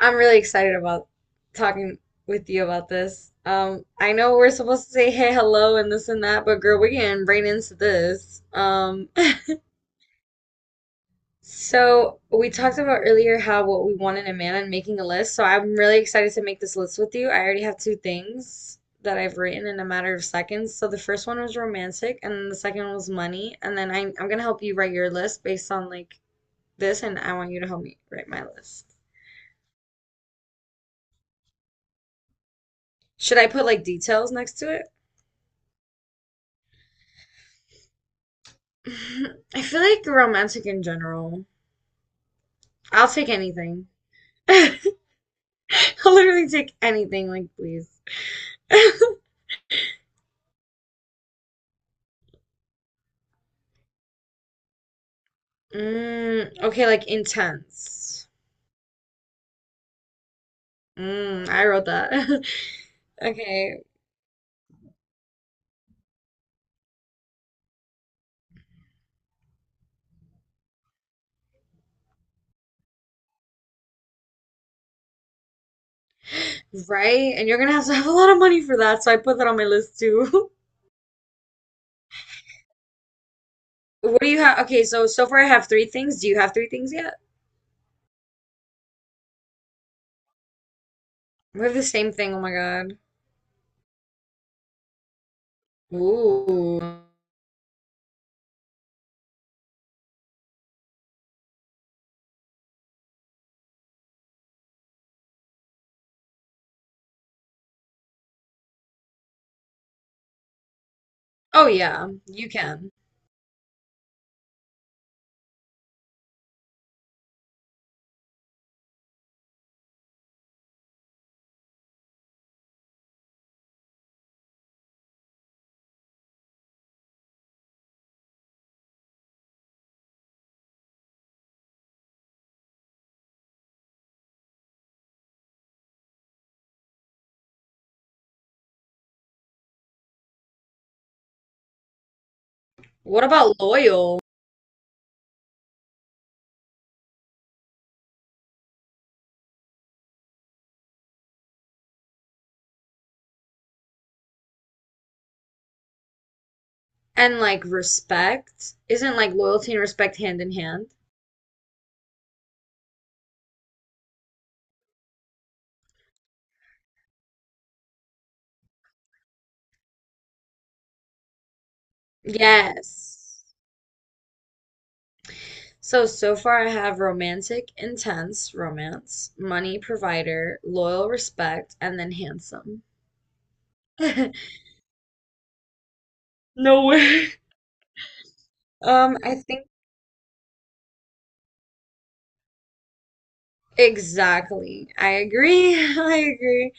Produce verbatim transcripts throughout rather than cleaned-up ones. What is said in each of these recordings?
I'm really excited about talking with you about this. Um, I know we're supposed to say hey, hello, and this and that, but girl, we're getting right into this. Um, so we talked about earlier how what we want in a man and making a list. So I'm really excited to make this list with you. I already have two things that I've written in a matter of seconds. So the first one was romantic, and then the second one was money. And then I, I'm gonna help you write your list based on like this, and I want you to help me write my list. Should I put like details next to it? I feel like romantic in general. I'll take anything. I'll literally take anything, like, please. Mm, okay, like intense. Mm, I wrote that. Okay, right? And you're gonna have to have a lot of money for that, so I put that on my list too. What do you have? Okay, so so far I have three things. Do you have three things yet? We have the same thing. Oh my God. Ooh. Oh yeah, you can. What about loyal? And like respect. Isn't like loyalty and respect hand in hand? Yes. So, so far I have romantic, intense, romance, money provider, loyal, respect, and then handsome. No way. Um, I think exactly. I agree. I agree.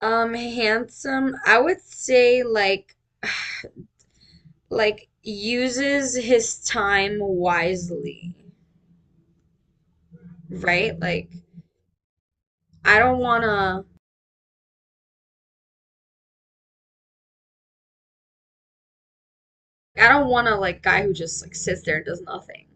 Um, handsome, I would say like like uses his time wisely, right? Like I don't wanna I don't want a like guy who just like sits there and does nothing.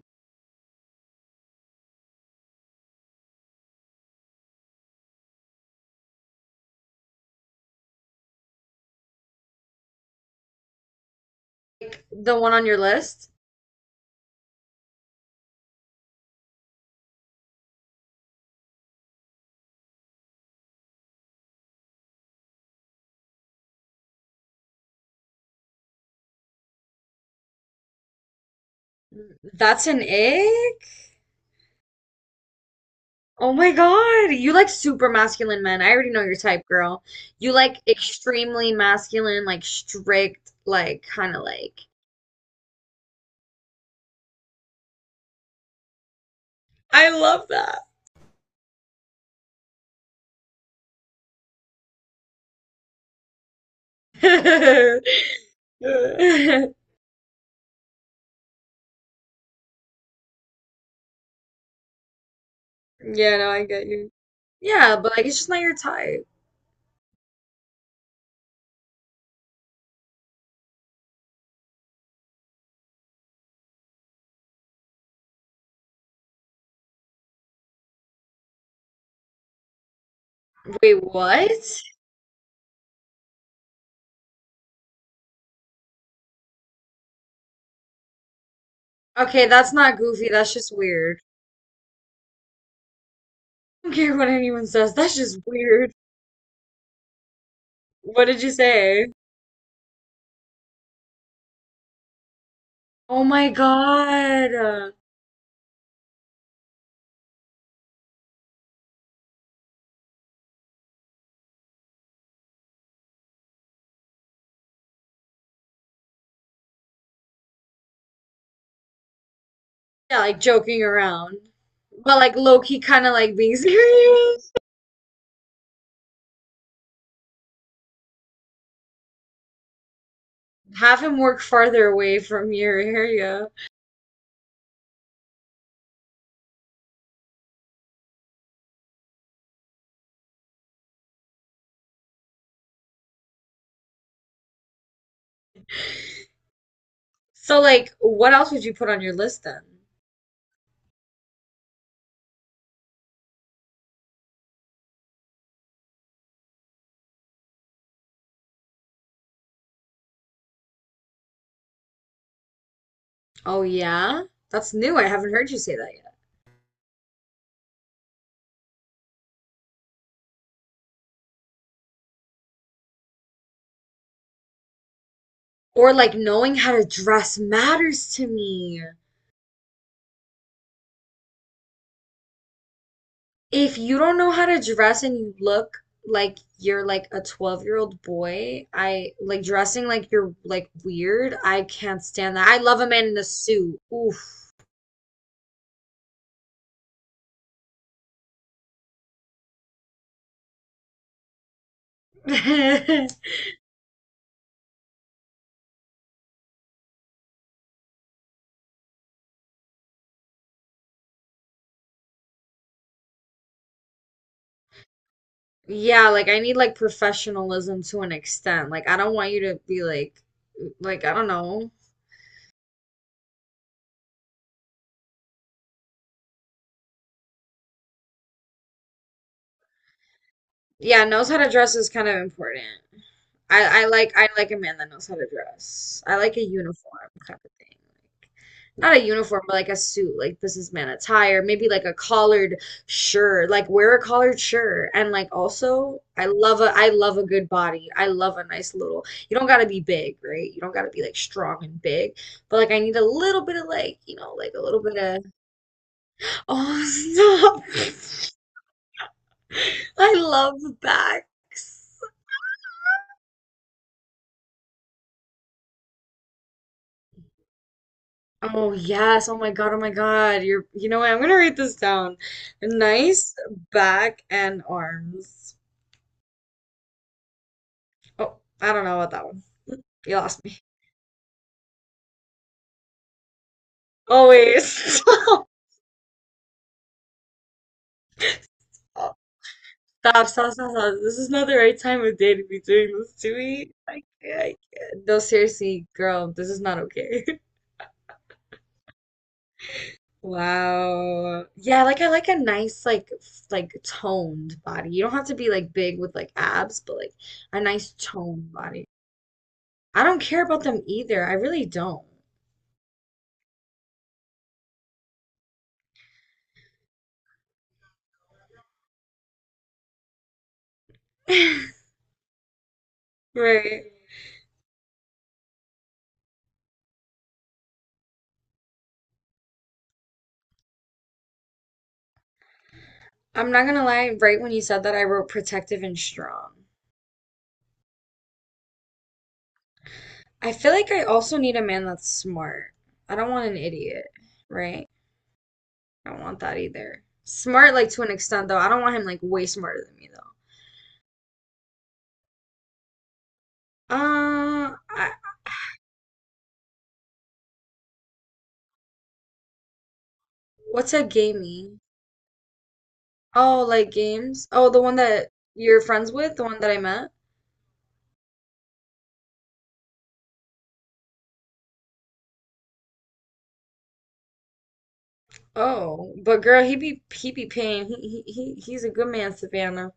Like the one on your list, that's an egg. Oh my God, you like super masculine men. I already know your type, girl. You like extremely masculine, like strict, like kind of like. I love that. Yeah, no, I get you. Yeah, but like it's just not your type. Wait, what? Okay, that's not goofy. That's just weird. I don't care what anyone says. That's just weird. What did you say? Oh my God. Yeah, like joking around. But like low key kind of like being serious. Have him work farther away from your area. So like what else would you put on your list then? Oh yeah? That's new. I haven't heard you say that yet. Or like knowing how to dress matters to me. If you don't know how to dress and you look like you're like a twelve-year-old boy, I like dressing like you're like weird. I can't stand that. I love a man in a suit. Oof. Yeah, like I need like professionalism to an extent. Like I don't want you to be like like I don't know. Yeah, knows how to dress is kind of important. I, I like I like a man that knows how to dress. I like a uniform kind of thing. Like not a uniform, but like a suit, like businessman attire, maybe like a collared shirt, like wear a collared shirt. And like also, I love a I love a good body. I love a nice little. You don't gotta be big, right? You don't gotta be like strong and big, but like I need a little bit of like, you know, like a little bit of oh stop. I love backs. Oh yes. Oh my God. Oh my God. You're you know what? I'm gonna write this down. Nice back and arms. Oh, I don't know about that one. You lost me. Oh wait. Stop. Stop. Stop. Stop. This is not the right time of day to be doing this to me. I can't. I can't. No, seriously, girl. This is not okay. Wow. Yeah, like I like a nice like f- like toned body. You don't have to be like big with like abs, but like a nice toned body. I don't care about them either. I really don't. Right. I'm not gonna lie, right when you said that, I wrote protective and strong. I feel like I also need a man that's smart. I don't want an idiot, right? I don't want that either. Smart, like to an extent, though. I don't want him like way smarter than me, though. Uh, I, what's a gamey? Oh, like games? Oh, the one that you're friends with, the one that I met? Oh, but girl, he be he be paying. He he he he's a good man, Savannah.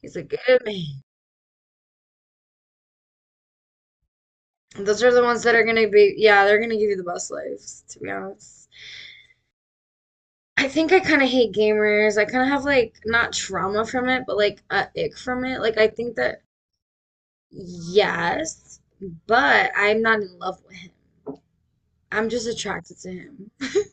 He's a good man. Those are the ones that are gonna be, yeah, they're gonna give you the best lives, to be honest. I think I kind of hate gamers. I kind of have like not trauma from it, but like a ick from it. Like I think that yes, but I'm not in love with him. I'm just attracted to him.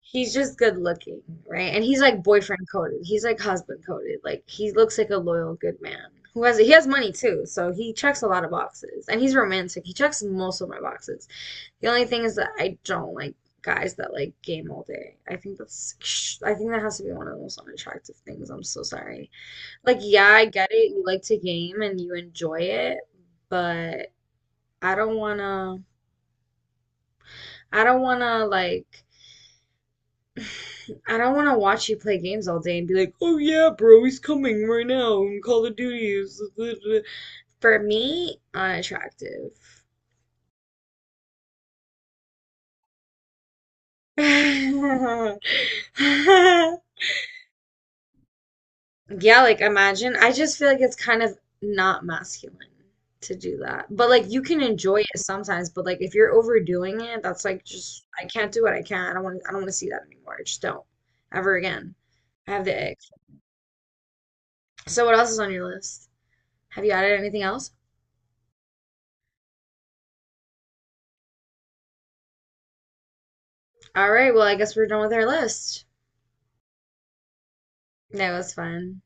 He's just good looking, right? And he's like boyfriend coded. He's like husband coded. Like he looks like a loyal good man who has he has money too, so he checks a lot of boxes. And he's romantic. He checks most of my boxes. The only thing is that I don't like guys that like game all day. I think that's I think that has to be one of the most unattractive things. I'm so sorry. Like, yeah, I get it. You like to game and you enjoy it, but I don't wanna I don't wanna like I don't wanna watch you play games all day and be like, "Oh yeah, bro, he's coming right now and Call of Duty is For me, unattractive. Yeah, like imagine. I just feel like it's kind of not masculine to do that. But like you can enjoy it sometimes, but like if you're overdoing it, that's like just I can't do what I can't. I don't want I don't want to see that anymore. I just don't. Ever again. I have the ick. So what else is on your list? Have you added anything else? All right, well, I guess we're done with our list. That was fun.